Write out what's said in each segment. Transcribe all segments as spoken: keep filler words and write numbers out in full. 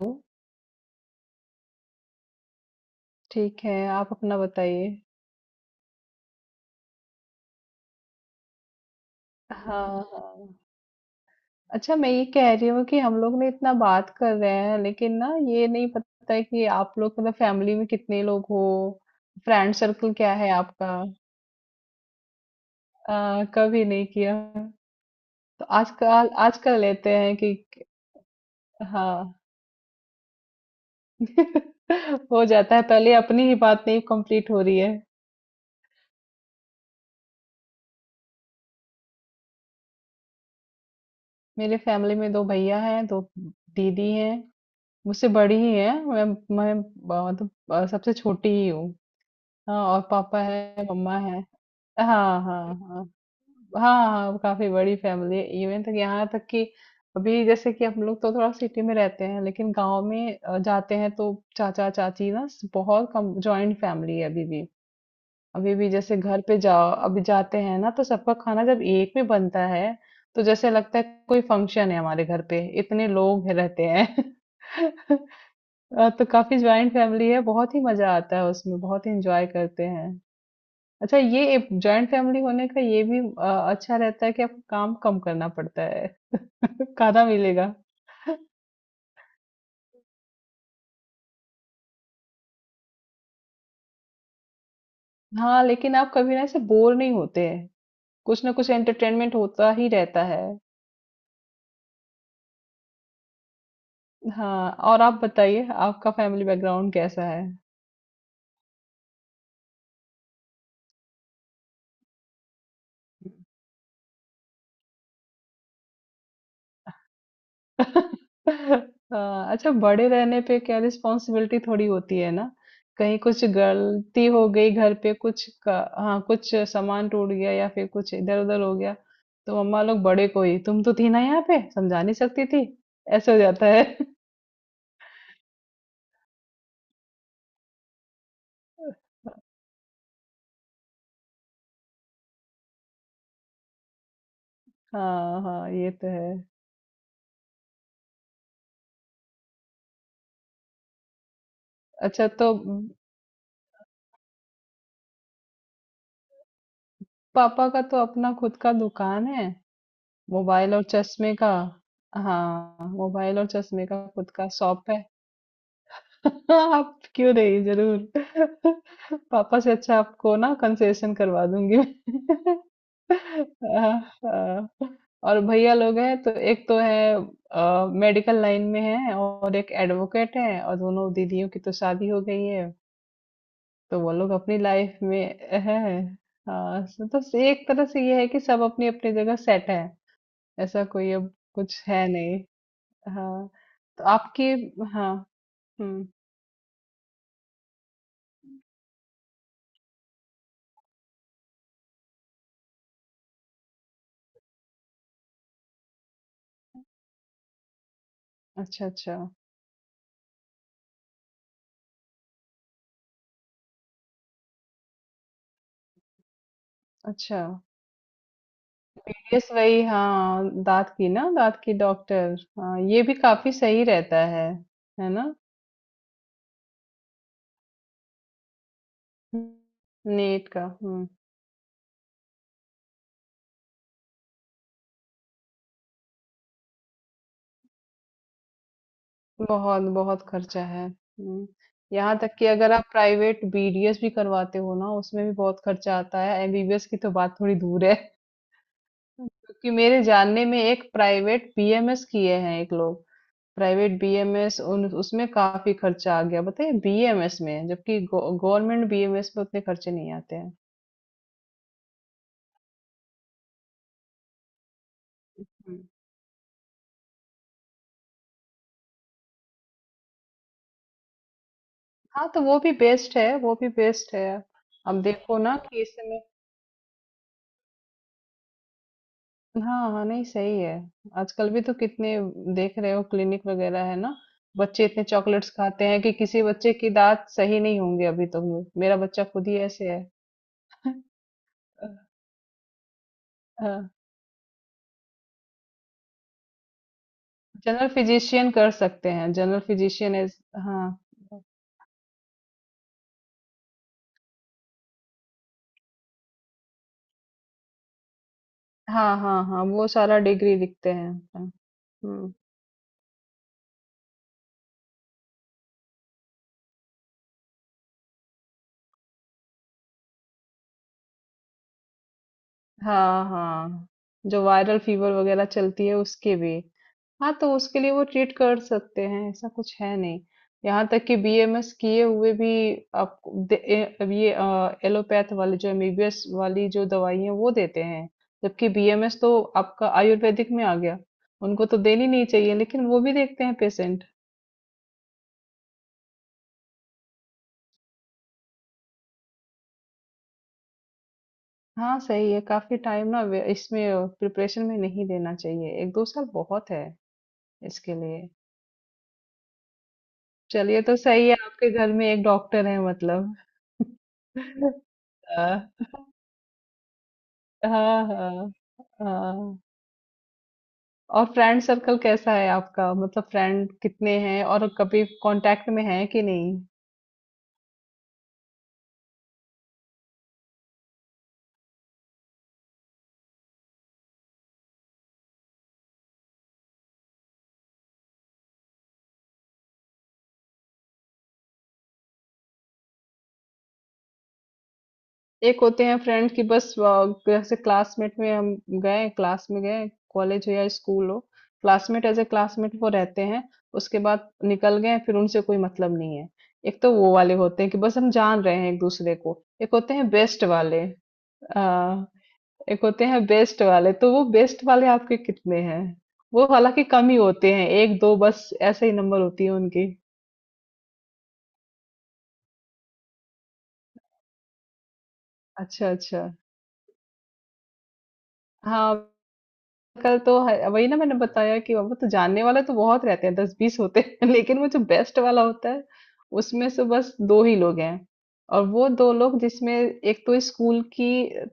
हूँ। ठीक है, आप अपना बताइए। हाँ, हाँ। अच्छा, मैं ये कह रही हूँ कि हम लोग ना इतना बात कर रहे हैं, लेकिन ना ये नहीं पता है कि आप लोग मतलब फैमिली में कितने लोग हो? फ्रेंड सर्कल क्या है आपका? अ, कभी नहीं किया। तो आजकल आज कर लेते हैं कि हाँ। हो जाता है, पहले अपनी ही बात नहीं कंप्लीट हो रही है। मेरे फैमिली में दो भैया हैं, दो दीदी हैं, मुझसे बड़ी ही हैं, मैं मैं ब मतलब अ, सबसे छोटी ही हूँ। हाँ, और पापा है, मम्मा है। हाँ, हाँ, हाँ। हाँ, हाँ, वो काफी बड़ी फैमिली है। इवन तक, यहाँ तक कि अभी जैसे कि हम लोग तो थोड़ा सिटी में रहते हैं, लेकिन गांव में अ, जाते हैं तो चाचा चाची ना स- बहुत कम जॉइंट फैमिली है अभी भी। अभी भी जैसे घर पे जाओ, अभी जाते हैं ना तो सबका खाना जब एक में बनता है तो जैसे लगता है कोई फंक्शन है हमारे घर पे, इतने लोग हैं- रहते हैं। अ, तो काफी ज्वाइंट फैमिली है, बहुत ही मजा आता है उसमें, बहुत ही एंजॉय करते हैं। अच्छा, ये जॉइंट फैमिली होने का ये भी अ, अच्छा रहता है कि आपको काम कम करना पड़ता है। खाना मिलेगा। हाँ, लेकिन आप कभी ना ऐसे बोर नहीं होते हैं, कुछ ना कुछ एंटरटेनमेंट होता ही रहता है। हाँ, और आप बताइए, आपका फैमिली बैकग्राउंड कैसा है। हाँ, अच्छा, बड़े रहने पे क्या रिस्पॉन्सिबिलिटी थोड़ी होती है ना। कहीं कुछ गलती हो गई घर पे, कुछ का, हाँ कुछ सामान टूट गया या फिर कुछ इधर उधर हो गया, तो मम्मा लोग बड़े को ही, तुम तो थी ना यहाँ पे, समझा नहीं सकती थी। ऐसे हो जाता है। हाँ हाँ, ये तो है। अच्छा तो पापा का तो अपना खुद का दुकान है, मोबाइल और चश्मे का। हाँ, मोबाइल और चश्मे का खुद का शॉप है। आप क्यों नहीं, जरूर। पापा से अच्छा आपको ना कंसेशन करवा दूंगी मैं। हाँ, हाँ। और भैया लोग हैं तो एक तो है मेडिकल लाइन में है, और एक एडवोकेट है, और दोनों दीदियों की तो शादी हो गई है, तो वो लोग अपनी लाइफ में है। हाँ, सो तो से- एक तरह से ये है कि सब अपनी अपनी जगह सेट है, ऐसा कोई अब कुछ है नहीं। हाँ तो आपकी, हाँ। हम्म। अच्छा, अच्छा, अच्छा। यस, वही। हाँ, दाँत की ना, दाँत की डॉक्टर। हाँ, ये भी काफ़ी सही रहता है, है ना? नीट का, हुँ। बहुत, बहुत खर्चा है। हुँ, यहाँ तक कि अगर आप प्राइवेट बीडीएस भी करवाते हो ना, उसमें भी बहुत खर्चा आता है, एमबीबीएस की तो बात थोड़ी दूर है। क्योंकि मेरे जानने में एक प्राइवेट बीएमएस किए हैं एक लोग, प्राइवेट बीएमएस उन उसमें काफ़ी खर्चा आ गया, बताइए बीएमएस में, जबकि गव गवर्नमेंट बीएमएस में उतने खर्चे नहीं आते हैं। हम्म। हाँ, तो वो भी बेस्ट है, वो भी बेस्ट है। अब देखो ना कि इस समय, हाँ हाँ, नहीं सही है। आजकल भी तो कितने देख रहे हो क्लिनिक वगैरह, है ना। बच्चे इतने चॉकलेट्स खाते हैं कि किसी बच्चे की दांत सही नहीं होंगे अभी तो। मेरा बच्चा खुद ही ऐसे है। हाँ, जनरल फिजिशियन कर सकते हैं, जनरल फिजिशियन। हाँ हाँ हाँ, हाँ वो सारा डिग्री लिखते हैं, हाँ। हम्म। हाँ हाँ, जो वायरल फीवर वगैरह चलती है, उसके भी हाँ, तो उसके लिए वो ट्रीट कर सकते हैं, ऐसा कुछ है नहीं। यहाँ तक कि बीएमएस किए हुए भी आप ये एलोपैथ वाले, जो एमबीबीएस वाली जो दवाई है, वो देते हैं। जबकि बीएमएस तो आपका आयुर्वेदिक में आ गया, उनको तो देनी नहीं चाहिए, लेकिन वो भी देखते हैं पेशेंट। हाँ सही है, काफी टाइम ना वे- इसमें प्रिपरेशन में नहीं देना चाहिए, एक दो साल बहुत है इसके लिए। चलिए, तो सही है, आपके घर में एक डॉक्टर है मतलब। हाँ हाँ हाँ। हाँ। और फ्रेंड सर्कल कैसा है आपका, मतलब फ्रेंड कितने हैं और कभी कांटेक्ट में है कि नहीं। एक होते हैं फ्रेंड की बस, अ, जैसे क्लासमेट में हम गए, क्लास में गए, कॉलेज हो या स्कूल हो, क्लासमेट एज ए क्लासमेट वो रहते हैं, उसके बाद निकल गए फिर उनसे कोई मतलब नहीं है। एक तो वो वाले होते हैं कि बस हम जान रहे हैं एक दूसरे को, एक होते हैं बेस्ट वाले। एक होते हैं बेस्ट वाले, तो वो बेस्ट वाले आपके कितने हैं? वो हालांकि कम ही होते हैं, एक दो बस, ऐसे ही नंबर होती है उनकी। अच्छा, अच्छा। हाँ, कल तो है- वही ना मैंने बताया कि वो तो जानने वाले तो बहुत रहते हैं, दस बीस होते हैं। लेकिन वो जो बेस्ट वाला होता है, उसमें से बस दो ही लोग हैं। और वो दो लोग, जिसमें एक तो स्कूल की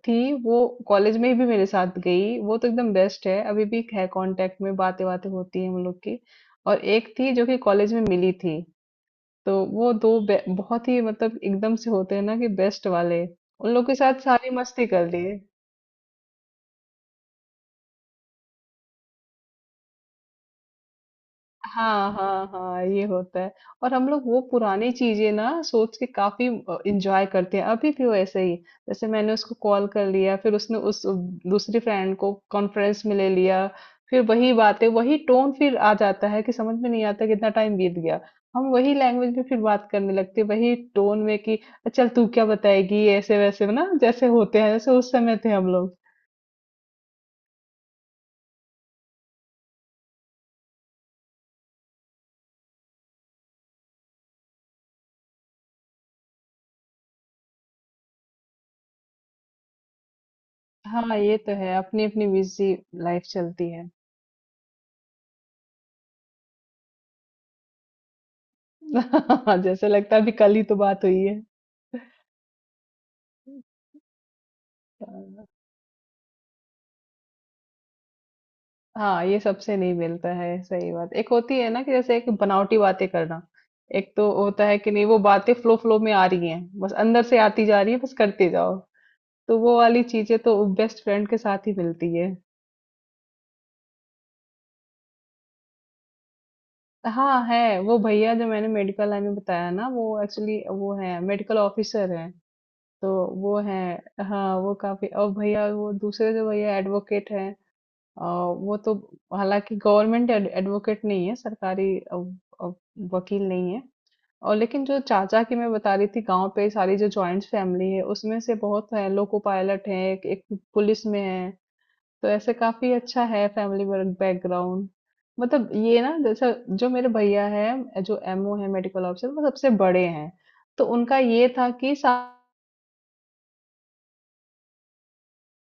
थी, वो कॉलेज में भी मेरे साथ गई, वो तो एकदम बेस्ट है, अभी भी है कांटेक्ट में, बातें बातें होती हैं हम लोग की। और एक थी जो कि कॉलेज में मिली थी, तो वो दो बे बहुत ही मतलब एकदम से होते हैं ना कि बेस्ट वाले, उन लोग के साथ सारी मस्ती कर लिए। हाँ, हाँ, हाँ, ये होता है। और हम लोग वो पुरानी चीजें ना सोच के काफी एंजॉय करते हैं अभी भी, वो ऐसे ही जैसे मैंने उसको कॉल कर लिया, फिर उसने उस दूसरी फ्रेंड को कॉन्फ्रेंस में ले लिया, फिर वही बातें, वही टोन फिर आ जाता है कि समझ में नहीं आता कितना टाइम बीत गया। हम वही लैंग्वेज में फिर बात करने लगते हैं, वही टोन में कि चल तू क्या बताएगी, ऐसे वैसे ना जैसे होते हैं, जैसे उस समय थे हम लोग। हाँ ये तो है, अपनी अपनी बिजी लाइफ चलती है। जैसे लगता है अभी कल ही तो बात हुई है। हाँ, हाँ, ये सबसे नहीं मिलता है, सही बात। एक होती है ना कि जैसे एक बनावटी बातें करना, एक तो होता है कि नहीं, वो बातें फ्लो फ्लो में आ रही हैं, बस अंदर से आती जा रही है, बस करते जाओ, तो वो वाली चीजें तो बेस्ट फ्रेंड के साथ ही मिलती है। हाँ है, वो भैया जो मैंने मेडिकल लाइन में बताया ना, वो एक्चुअली वो है, मेडिकल ऑफिसर है। तो वो है। हाँ वो काफी, और भैया, वो दूसरे जो भैया एडवोकेट है, अ, वो तो हालांकि गवर्नमेंट एडवोकेट नहीं है, सरकारी अ, अ, वकील नहीं है। और लेकिन जो चाचा की मैं बता रही थी, गांव पे सारी जो जॉइंट फैमिली है, उसमें से बहुत है, लोको पायलट है एक, एक पुलिस में है, तो ऐसे काफी अच्छा है फैमिली बैकग्राउंड। मतलब ये ना जैसे जो मेरे भैया है जो एमओ है, मेडिकल ऑफिसर, वो सबसे बड़े हैं। तो उनका ये था कि सा-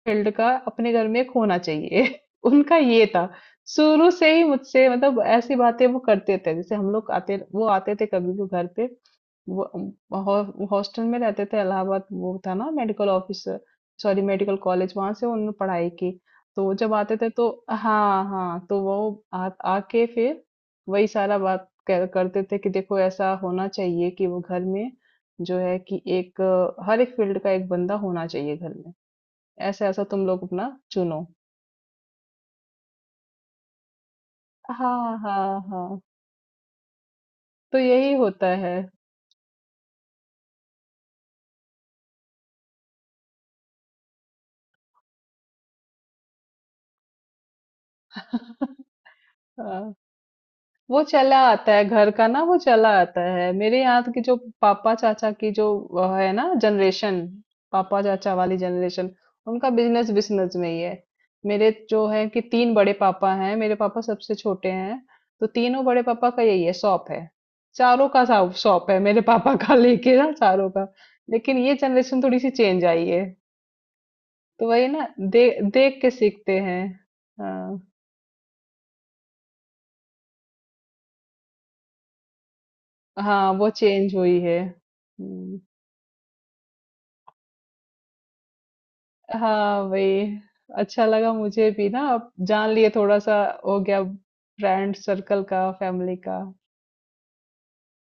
फील्ड का अपने घर में एक होना चाहिए। उनका ये था शुरू से ही मुझसे, मतलब ऐसी बातें वो करते थे। जैसे हम लोग आते, वो आते थे कभी भी घर पे, वो हॉ- हॉस्टल में रहते थे, इलाहाबाद वो था ना medical office, sorry medical college, वहां से उन्होंने पढ़ाई की। तो वो जब आते थे तो, हाँ हाँ, तो वो आ, आके फिर वही सारा बात कर, करते थे कि देखो, ऐसा होना चाहिए कि वो घर में जो है कि एक अ, हर एक फील्ड का एक बंदा होना चाहिए घर में, ऐसा-ऐसा तुम लोग अपना चुनो। हाँ, हाँ, हाँ, तो यही होता है। हाँ, वो चला आता है, घर का ना वो चला आता है। मेरे यहाँ की जो पापा चाचा की जो अ, है ना जनरेशन, पापा चाचा वाली जनरेशन, उनका बिजनेस बिजनेस में ही है। मेरे जो है कि तीन बड़े पापा हैं, मेरे पापा सबसे छोटे हैं, तो तीनों बड़े पापा का यही है, शॉप है। चारों का शॉप शॉप है, मेरे पापा का लेके ना चारों का। लेकिन ये जनरेशन थोड़ी सी चेंज आई है। तो वही ना दे, देख के सीखते हैं। हाँ हाँ, वो चेंज हुई है। हम्म, हाँ वही। अच्छा लगा मुझे भी ना, अब जान लिए थोड़ा सा, हो गया, फ्रेंड सर्कल का, फैमिली का।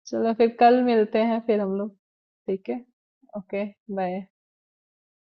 चलो फिर कल मिलते हैं फिर हम लोग। ठीक है, ओके, बाय।